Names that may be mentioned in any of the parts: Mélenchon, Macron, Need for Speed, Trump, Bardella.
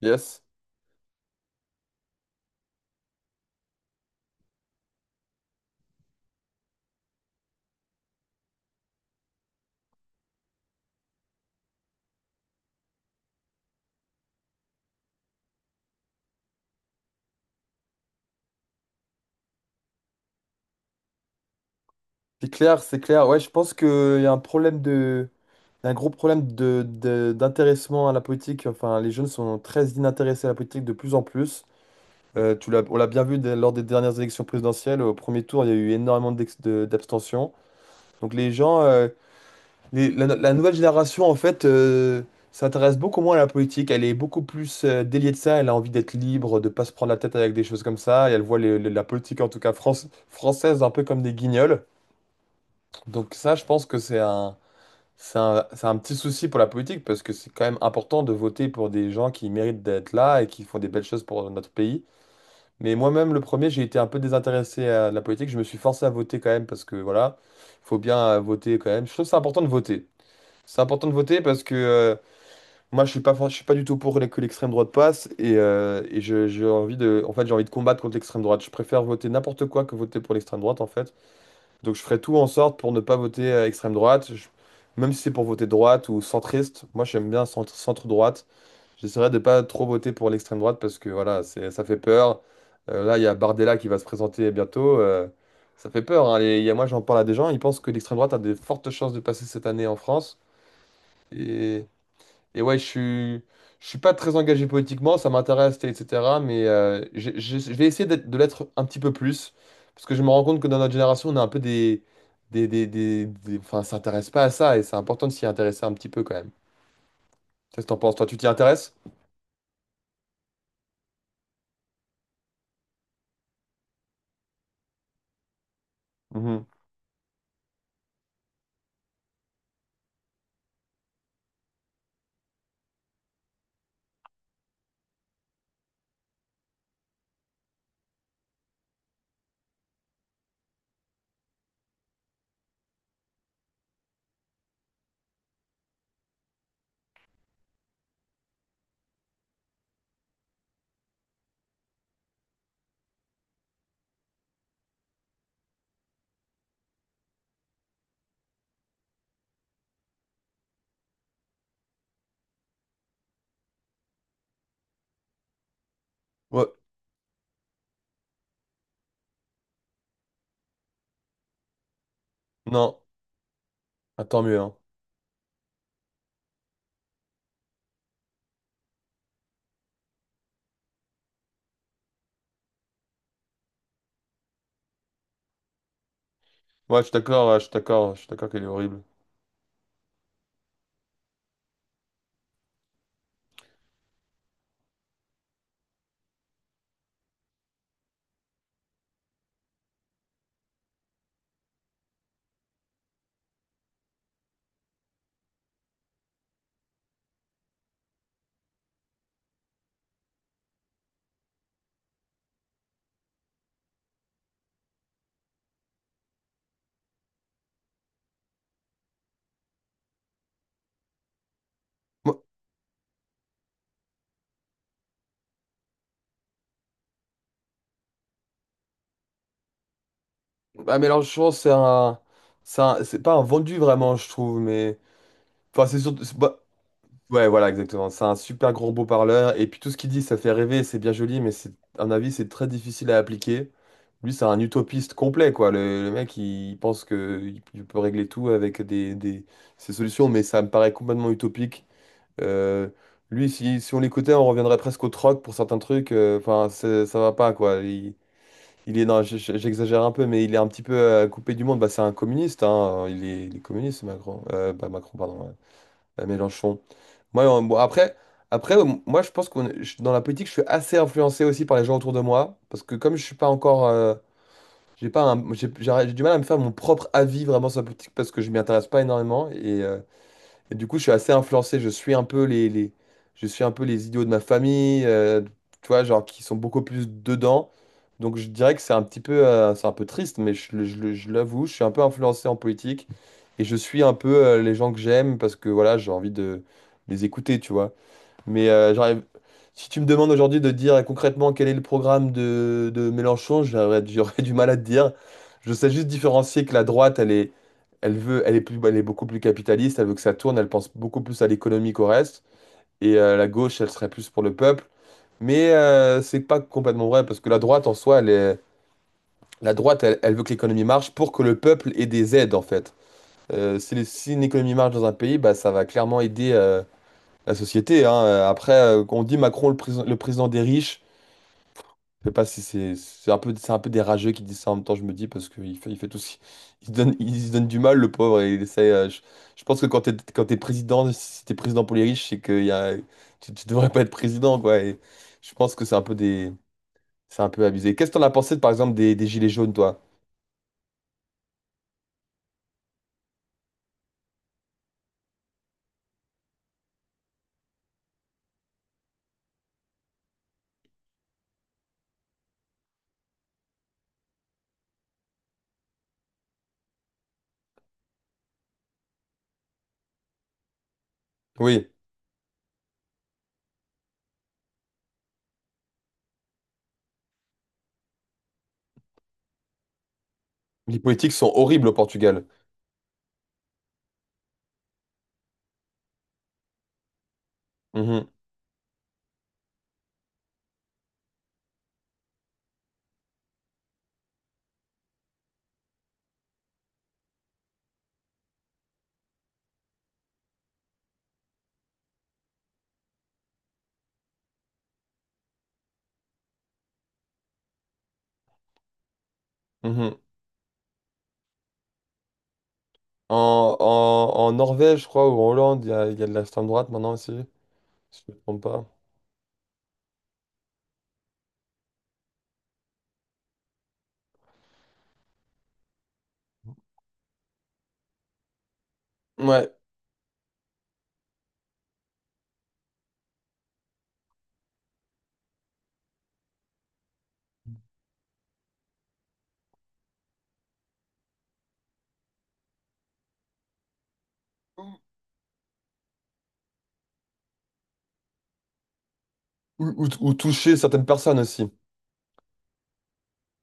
Yes. C'est clair, c'est clair. Ouais, je pense qu'il y a un problème de... un gros problème d'intéressement à la politique. Enfin, les jeunes sont très inintéressés à la politique de plus en plus. On l'a bien vu lors des dernières élections présidentielles. Au premier tour, il y a eu énormément d'abstention. Donc les gens, la nouvelle génération, en fait, s'intéresse beaucoup moins à la politique. Elle est beaucoup plus déliée de ça. Elle a envie d'être libre, de pas se prendre la tête avec des choses comme ça. Et elle voit la politique, en tout cas France, française, un peu comme des guignols. Donc ça, je pense que c'est un petit souci pour la politique parce que c'est quand même important de voter pour des gens qui méritent d'être là et qui font des belles choses pour notre pays. Mais moi-même, le premier, j'ai été un peu désintéressé à la politique. Je me suis forcé à voter quand même parce que voilà, il faut bien voter quand même. Je trouve que c'est important de voter. C'est important de voter parce que moi, je suis pas du tout pour que l'extrême droite passe et j'ai envie de, en fait, j'ai envie de combattre contre l'extrême droite. Je préfère voter n'importe quoi que voter pour l'extrême droite, en fait. Donc je ferai tout en sorte pour ne pas voter extrême droite. Je- Même si c'est pour voter droite ou centriste, moi j'aime bien centre, centre-droite. J'essaierai de pas trop voter pour l'extrême droite parce que voilà, c'est, ça fait peur. Là, il y a Bardella qui va se présenter bientôt. Ça fait peur. Hein. Il y a, moi, j'en parle à des gens, ils pensent que l'extrême droite a des fortes chances de passer cette année en France. Et et ouais, je suis pas très engagé politiquement, ça m'intéresse, etc. Mais je vais essayer de l'être un petit peu plus. Parce que je me rends compte que dans notre génération, on a un peu des. Enfin, ça s'intéresse pas à ça et c'est important de s'y intéresser un petit peu quand même. Qu'est-ce que t'en penses? Toi, tu t'y intéresses? Mhm. Ouais. Non. Ah, tant mieux, hein. Ouais, je suis d'accord, je suis d'accord qu'elle est horrible. Moi- Bah, Mélenchon, c'est un. C'est pas un vendu vraiment, je trouve, mais. Enfin, c'est surtout. Bah, ouais, voilà, exactement. C'est un super gros beau parleur. Et puis tout ce qu'il dit, ça fait rêver, c'est bien joli, mais c'est, à mon avis, c'est très difficile à appliquer. Lui, c'est un utopiste complet, quoi. Le mec, pense que il peut régler tout avec des, ses solutions, mais ça me paraît complètement utopique. Euh, lui, si on l'écoutait, on reviendrait presque au troc pour certains trucs. Enfin, ça va pas, quoi. Il est, non, j'exagère un peu, mais il est un petit peu coupé du monde. Bah, c'est un communiste, hein. Il est communiste, Macron. Bah, Macron, pardon. Ouais, à Mélenchon. Moi, en- bon, après, moi, je pense qu'on, est- je- dans la politique, je suis assez influencé aussi par les gens autour de moi, parce que comme je suis pas encore, j'ai pas, j'ai du mal à me faire mon propre avis vraiment sur la politique parce que je m'y intéresse pas énormément et du coup, je suis assez influencé. Je suis un peu les idiots de ma famille, tu vois, genre qui sont beaucoup plus dedans. Donc, je dirais que c'est un petit peu, c'est un peu triste, mais je l'avoue, je suis un peu influencé en politique et je suis un peu les gens que j'aime parce que voilà, j'ai envie de les écouter, tu vois. Mais j'arrive. Si tu me demandes aujourd'hui de dire concrètement quel est le programme de Mélenchon, j'aurais du mal à te dire. Je sais juste différencier que la droite, elle est, elle veut, elle est plus, elle est beaucoup plus capitaliste, elle veut que ça tourne, elle pense beaucoup plus à l'économie qu'au reste. Et la gauche, elle serait plus pour le peuple. Mais c'est pas complètement vrai, parce que la droite, elle, elle veut que l'économie marche pour que le peuple ait des aides, en fait. Si, si une économie marche dans un pays, bah, ça va clairement aider. La société. Hein. Après, quand on dit Macron le président, le président des riches, je sais pas si c'est un peu, c'est un peu des rageux qui disent ça en même temps, je me dis, parce il fait tout il se donne du mal, le pauvre. Et il essaie, je pense que quand t'es président, si t'es président pour les riches, c'est que tu devrais pas être président, quoi. Et je pense que c'est un peu abusé. Qu'est-ce que t'en as pensé, par exemple, des gilets jaunes, toi? Oui, les politiques sont horribles au Portugal. Mhm, mhm. En, en, en Norvège, je crois, ou en Hollande, il y a de l'extrême droite maintenant aussi. Si je me trompe pas. Ouais. Ou, ou toucher certaines personnes aussi.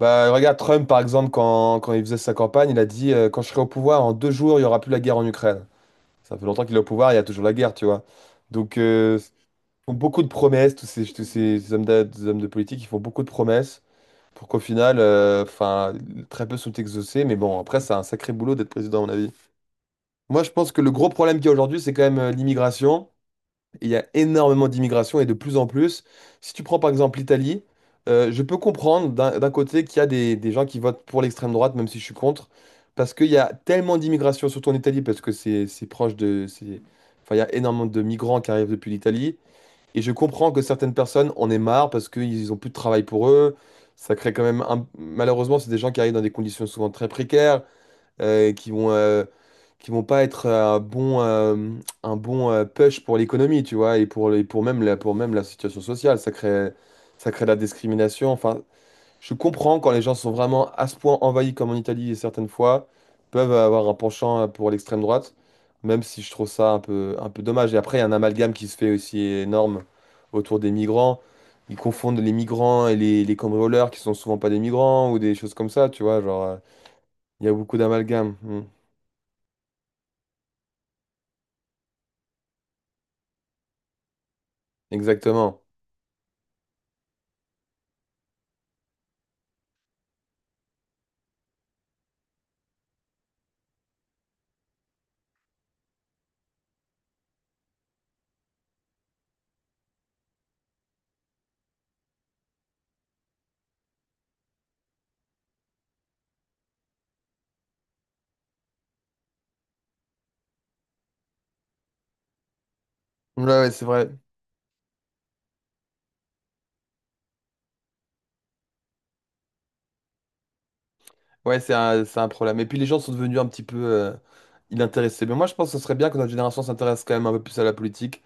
Bah, regarde, Trump, par exemple, quand il faisait sa campagne, il a dit quand je serai au pouvoir, en deux jours, il n'y aura plus la guerre en Ukraine. Ça fait longtemps qu'il est au pouvoir, il y a toujours la guerre, tu vois. Donc, ils font beaucoup de promesses, tous ces des hommes de politique, ils font beaucoup de promesses pour qu'au final, enfin, très peu sont exaucés. Mais bon, après, c'est un sacré boulot d'être président, à mon avis. Moi, je pense que le gros problème qu'il y a aujourd'hui, c'est quand même l'immigration. Il y a énormément d'immigration et de plus en plus. Si tu prends par exemple l'Italie, je peux comprendre d'un côté qu'il y a des gens qui votent pour l'extrême droite, même si je suis contre, parce qu'il y a tellement d'immigration, surtout en Italie, parce que c'est proche de... c'est- Enfin, il y a énormément de migrants qui arrivent depuis l'Italie. Et je comprends que certaines personnes en aient marre parce qu'ils ont plus de travail pour eux. Ça crée quand même un- Malheureusement, c'est des gens qui arrivent dans des conditions souvent très précaires euh, qui vont, euh, qui vont pas être un bon push pour l'économie, tu vois, et pour, pour même pour même la situation sociale. Ça crée de la discrimination. Enfin, je comprends quand les gens sont vraiment à ce point envahis comme en Italie, et certaines fois, peuvent avoir un penchant pour l'extrême droite, même si je trouve ça un peu dommage. Et après, il y a un amalgame qui se fait aussi énorme autour des migrants. Ils confondent les migrants et les cambrioleurs qui sont souvent pas des migrants ou des choses comme ça, tu vois, genre, il y a beaucoup d'amalgame. Exactement. Ouais, ouais, c'est vrai. Ouais, c'est un problème. Et puis les gens sont devenus un petit peu inintéressés. Mais moi, je pense que ce serait bien que notre génération s'intéresse quand même un peu plus à la politique.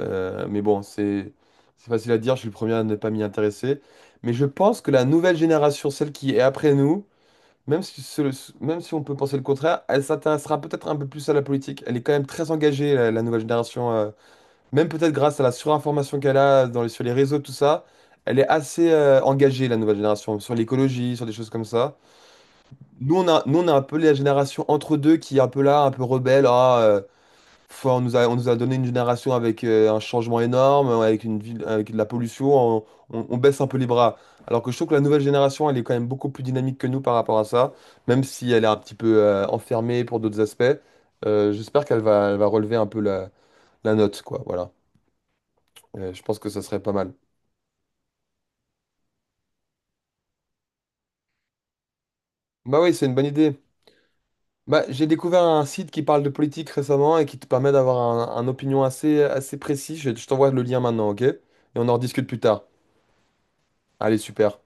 Mais bon, c'est facile à dire, je suis le premier à ne pas m'y intéresser. Mais je pense que la nouvelle génération, celle qui est après nous, même si, même si on peut penser le contraire, elle s'intéressera peut-être un peu plus à la politique. Elle est quand même très engagée, la nouvelle génération Même peut-être grâce à la surinformation qu'elle a dans sur les réseaux, tout ça, elle est assez engagée, la nouvelle génération, sur l'écologie, sur des choses comme ça. Nous, on a un peu la génération entre deux qui est un peu là, un peu rebelle. Ah, on nous a donné une génération avec un changement énorme, avec une ville, avec de la pollution, on baisse un peu les bras. Alors que je trouve que la nouvelle génération, elle est quand même beaucoup plus dynamique que nous par rapport à ça, même si elle est un petit peu enfermée pour d'autres aspects. J'espère elle va relever un peu la, la note, quoi. Voilà. Je pense que ça serait pas mal. Bah oui, c'est une bonne idée. Bah, j'ai découvert un site qui parle de politique récemment et qui te permet d'avoir un opinion assez précis. Je t'envoie le lien maintenant, ok? Et on en rediscute plus tard. Allez, super.